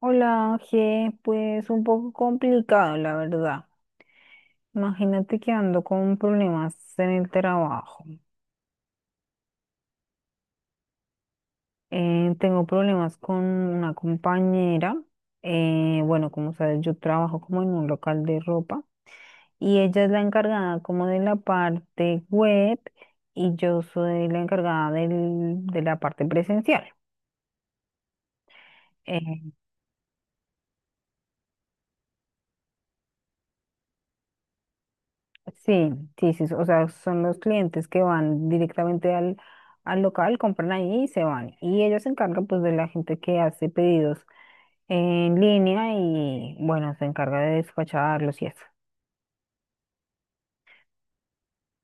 Hola, Ángel, pues un poco complicado, la verdad. Imagínate que ando con problemas en el trabajo. Tengo problemas con una compañera. Bueno, como sabes, yo trabajo como en un local de ropa y ella es la encargada como de la parte web y yo soy la encargada de la parte presencial. Eh, Sí, sí, sí, o sea, son los clientes que van directamente al local, compran ahí y se van. Y ellos se encargan pues de la gente que hace pedidos en línea y bueno, se encarga de despacharlos y eso.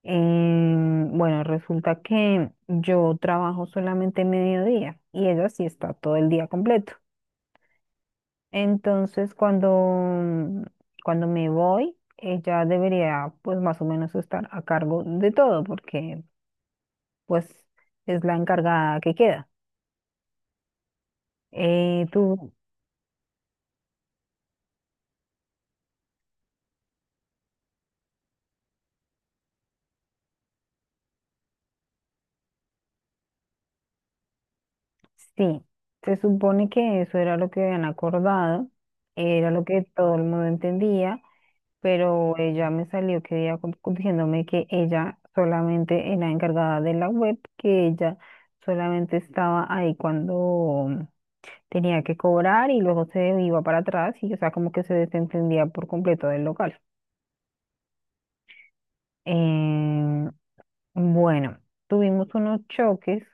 Bueno, resulta que yo trabajo solamente mediodía y ella sí está todo el día completo. Entonces, cuando me voy, ella debería pues más o menos estar a cargo de todo porque pues es la encargada que queda. Eh, tú, sí, se supone que eso era lo que habían acordado, era lo que todo el mundo entendía, pero ella me salió que día diciéndome que ella solamente era encargada de la web, que ella solamente estaba ahí cuando tenía que cobrar y luego se iba para atrás y, o sea, como que se desentendía por completo del local. Em, bueno, tuvimos unos choques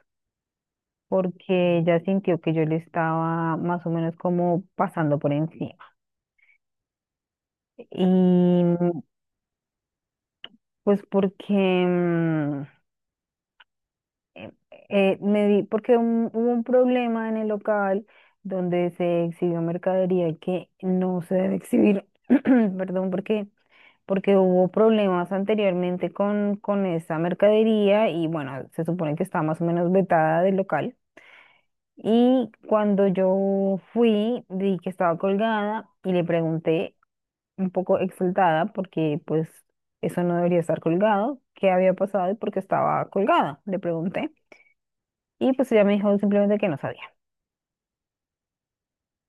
porque ella sintió que yo le estaba más o menos como pasando por encima. Y pues porque eh, porque hubo un problema en el local donde se exhibió mercadería que no se debe exhibir, perdón, porque hubo problemas anteriormente con esa mercadería y bueno, se supone que está más o menos vetada del local. Y cuando yo fui, vi que estaba colgada y le pregunté, un poco exaltada, porque pues eso no debería estar colgado, qué había pasado y por qué estaba colgada, le pregunté. Y pues ella me dijo simplemente que no sabía.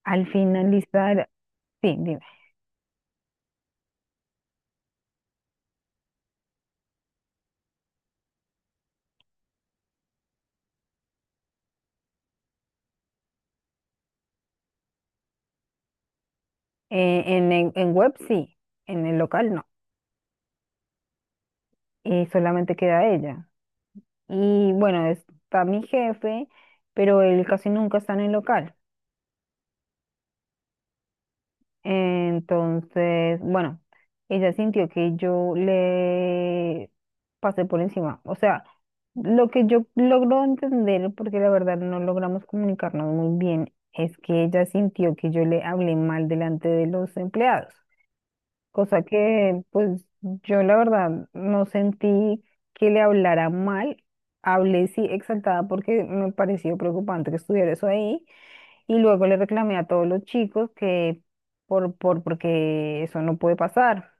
Al finalizar, sí, dime, en web sí, en el local no, y solamente queda ella. Y bueno, está mi jefe, pero él casi nunca está en el local. Entonces, bueno, ella sintió que yo le pasé por encima. O sea, lo que yo logro entender, porque la verdad no logramos comunicarnos muy bien, es que ella sintió que yo le hablé mal delante de los empleados, cosa que pues yo la verdad no sentí que le hablara mal. Hablé sí exaltada porque me pareció preocupante que estuviera eso ahí. Y luego le reclamé a todos los chicos que porque eso no puede pasar.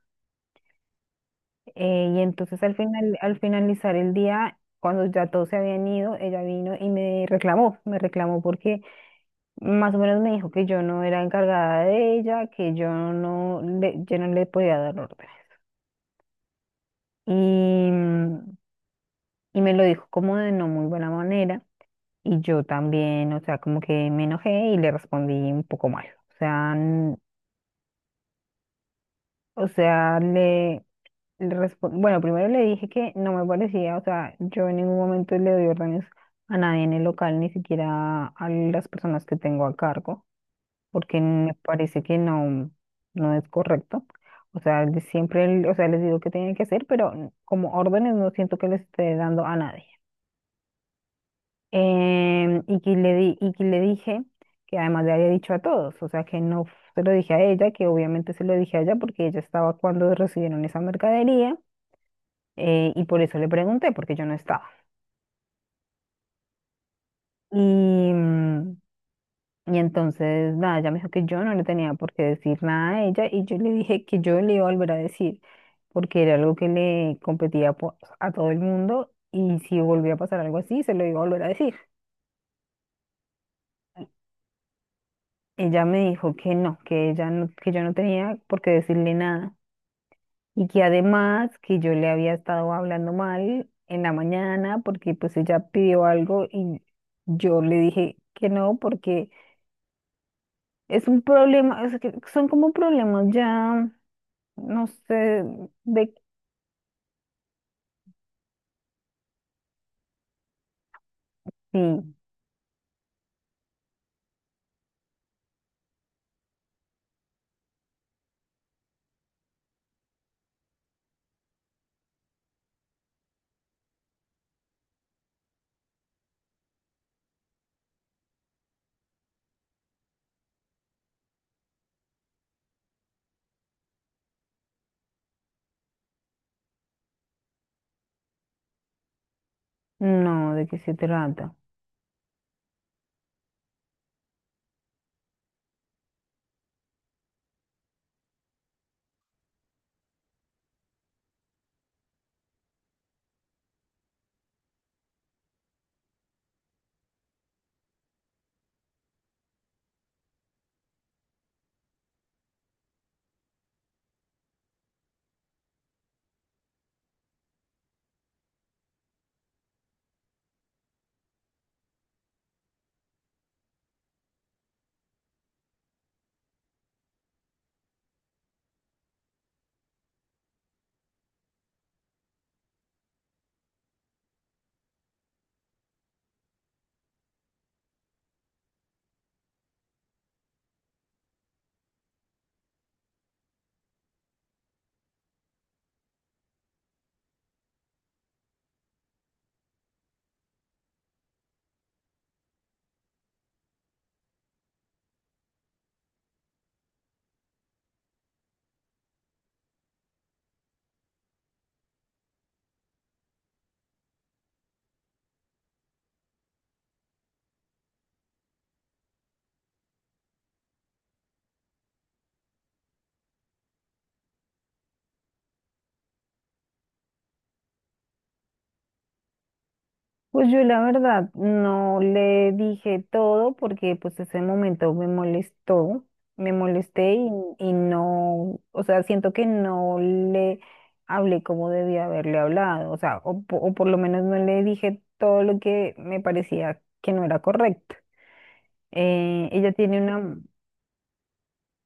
Y entonces al final, al finalizar el día, cuando ya todos se habían ido, ella vino y me reclamó porque más o menos me dijo que yo no era encargada de ella, que yo no le podía dar órdenes. Y, mm, y me lo dijo como de no muy buena manera. Y yo también, o sea, como que me enojé y le respondí un poco mal. O sea, o sea, bueno, primero le dije que no me parecía, o sea, yo en ningún momento le doy órdenes a nadie en el local, ni siquiera a las personas que tengo a cargo, porque me parece que no, no es correcto. O sea, siempre, o sea, les digo qué tienen que hacer, pero como órdenes no siento que les esté dando a nadie. Y que le dije que además le había dicho a todos, o sea, que no f- se lo dije a ella, que obviamente se lo dije a ella porque ella estaba cuando recibieron esa mercadería y por eso le pregunté, porque yo no estaba. Y, mm, y entonces, nada, ella me dijo que yo no le tenía por qué decir nada a ella y yo le dije que yo le iba a volver a decir, porque era algo que le competía a todo el mundo y si volvía a pasar algo así, se lo iba a volver a decir. Ella me dijo que no, que ella no, que yo no tenía por qué decirle nada y que además que yo le había estado hablando mal en la mañana porque pues ella pidió algo y yo le dije que no porque es un problema, es que son como problemas ya, no sé de qué, no, de qué se trata. Pues yo la verdad no le dije todo porque pues ese momento me molestó, me molesté y no, o sea, siento que no le hablé como debía haberle hablado, o sea, o por lo menos no le dije todo lo que me parecía que no era correcto. Eh, ella tiene una,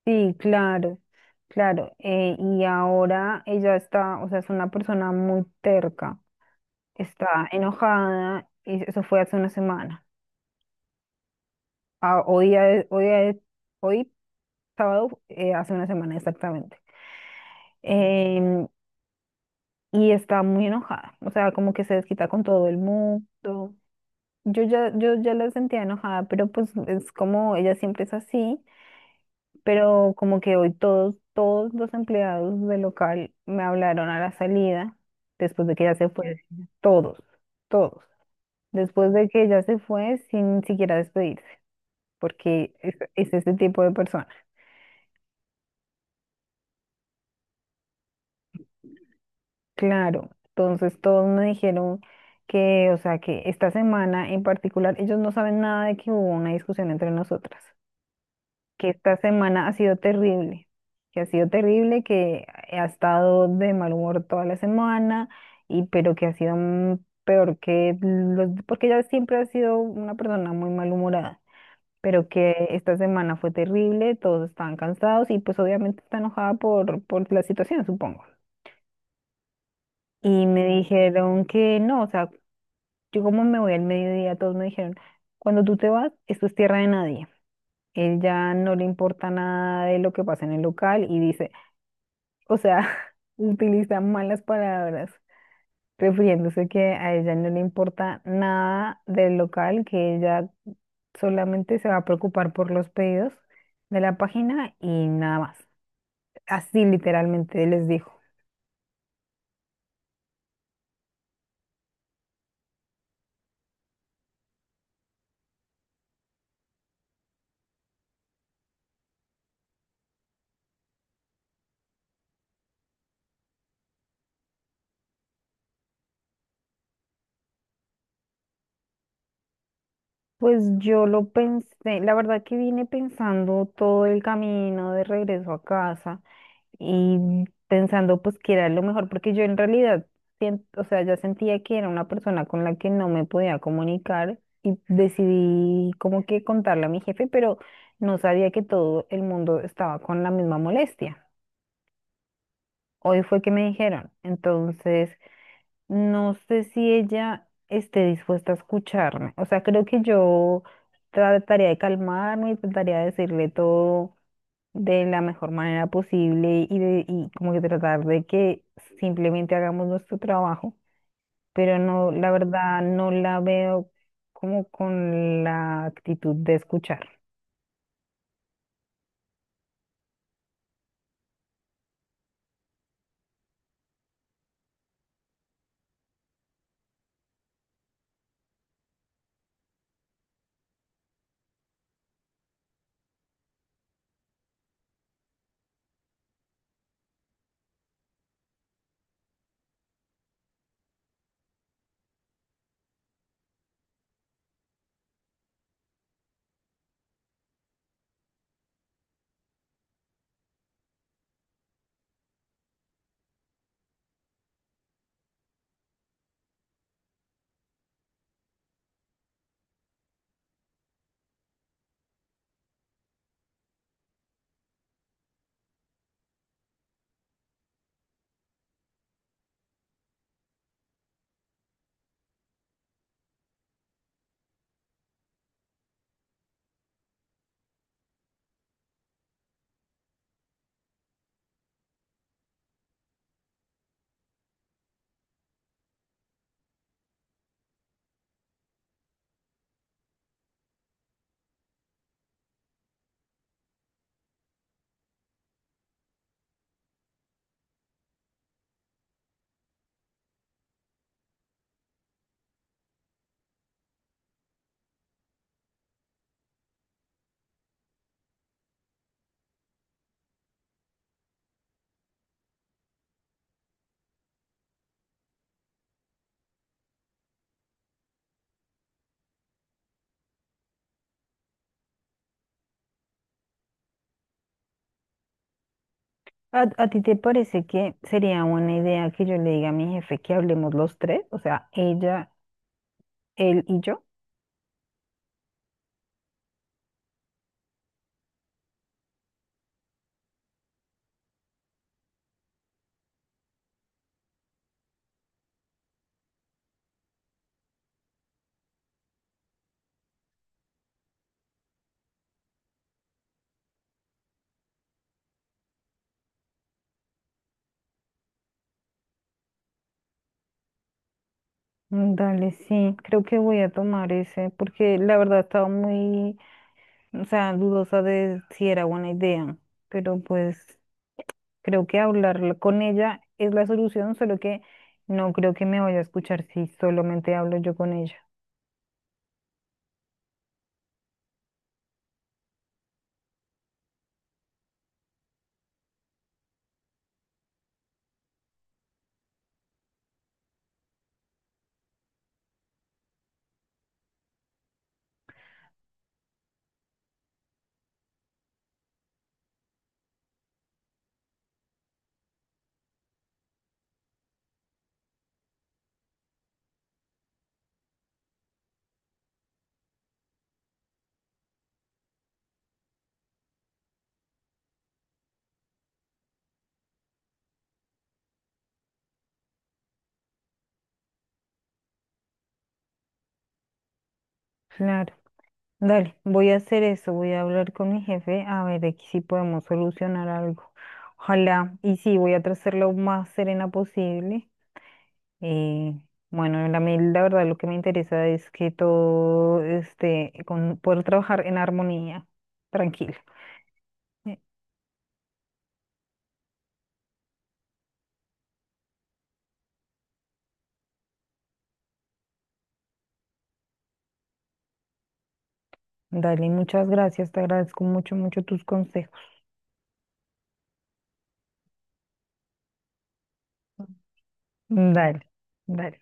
Sí, claro, claro. Y ahora ella está, o sea, es una persona muy terca, está enojada, y eso fue hace una semana. Ah, hoy, día de- hoy, día de- Hoy, sábado, hace una semana exactamente. em, y está muy enojada, o sea, como que se desquita con todo el mundo. Yo ya la sentía enojada, pero pues es como ella siempre es así. Pero como que hoy todos los empleados del local me hablaron a la salida, después de que ella se fue, todos, todos, después de que ella se fue sin siquiera despedirse, porque es ese tipo de persona. Claro, entonces todos me dijeron que, o sea, que esta semana en particular, ellos no saben nada de que hubo una discusión entre nosotras. Que esta semana ha sido terrible, que ha sido terrible, que ha estado de mal humor toda la semana, y pero que ha sido peor que los, porque ella siempre ha sido una persona muy malhumorada, pero que esta semana fue terrible, todos estaban cansados y pues obviamente está enojada por la situación, supongo. Y me dijeron que no, o sea, yo como me voy al mediodía, todos me dijeron, cuando tú te vas, esto es tierra de nadie. Ella no le importa nada de lo que pasa en el local y dice, o sea, utiliza malas palabras, refiriéndose que a ella no le importa nada del local, que ella solamente se va a preocupar por los pedidos de la página y nada más. Así literalmente les dijo. Pues yo lo pensé, la verdad que vine pensando todo el camino de regreso a casa y pensando pues que era lo mejor, porque yo en realidad, o sea, ya sentía que era una persona con la que no me podía comunicar y decidí como que contarle a mi jefe, pero no sabía que todo el mundo estaba con la misma molestia. Hoy fue que me dijeron, entonces no sé si ella esté dispuesta a escucharme, o sea, creo que yo trataría de calmarme y trataría de decirle todo de la mejor manera posible y como que tratar de que simplemente hagamos nuestro trabajo, pero no, la verdad, no la veo como con la actitud de escuchar. A ti te parece que sería buena idea que yo le diga a mi jefe que hablemos los tres? O sea, ella, él y yo. Dale, sí, creo que voy a tomar ese, porque la verdad estaba muy, o sea, dudosa de si era buena idea, pero pues creo que hablar con ella es la solución, solo que no creo que me vaya a escuchar si solamente hablo yo con ella. Claro. Dale, voy a hacer eso, voy a hablar con mi jefe a ver de que si podemos solucionar algo. Ojalá, y sí, voy a tratar lo más serena posible. Eh, bueno, la, mí la verdad lo que me interesa es que todo esté con poder trabajar en armonía, tranquila. Eh, Dale, muchas gracias, te agradezco mucho, mucho tus consejos. Dale, dale.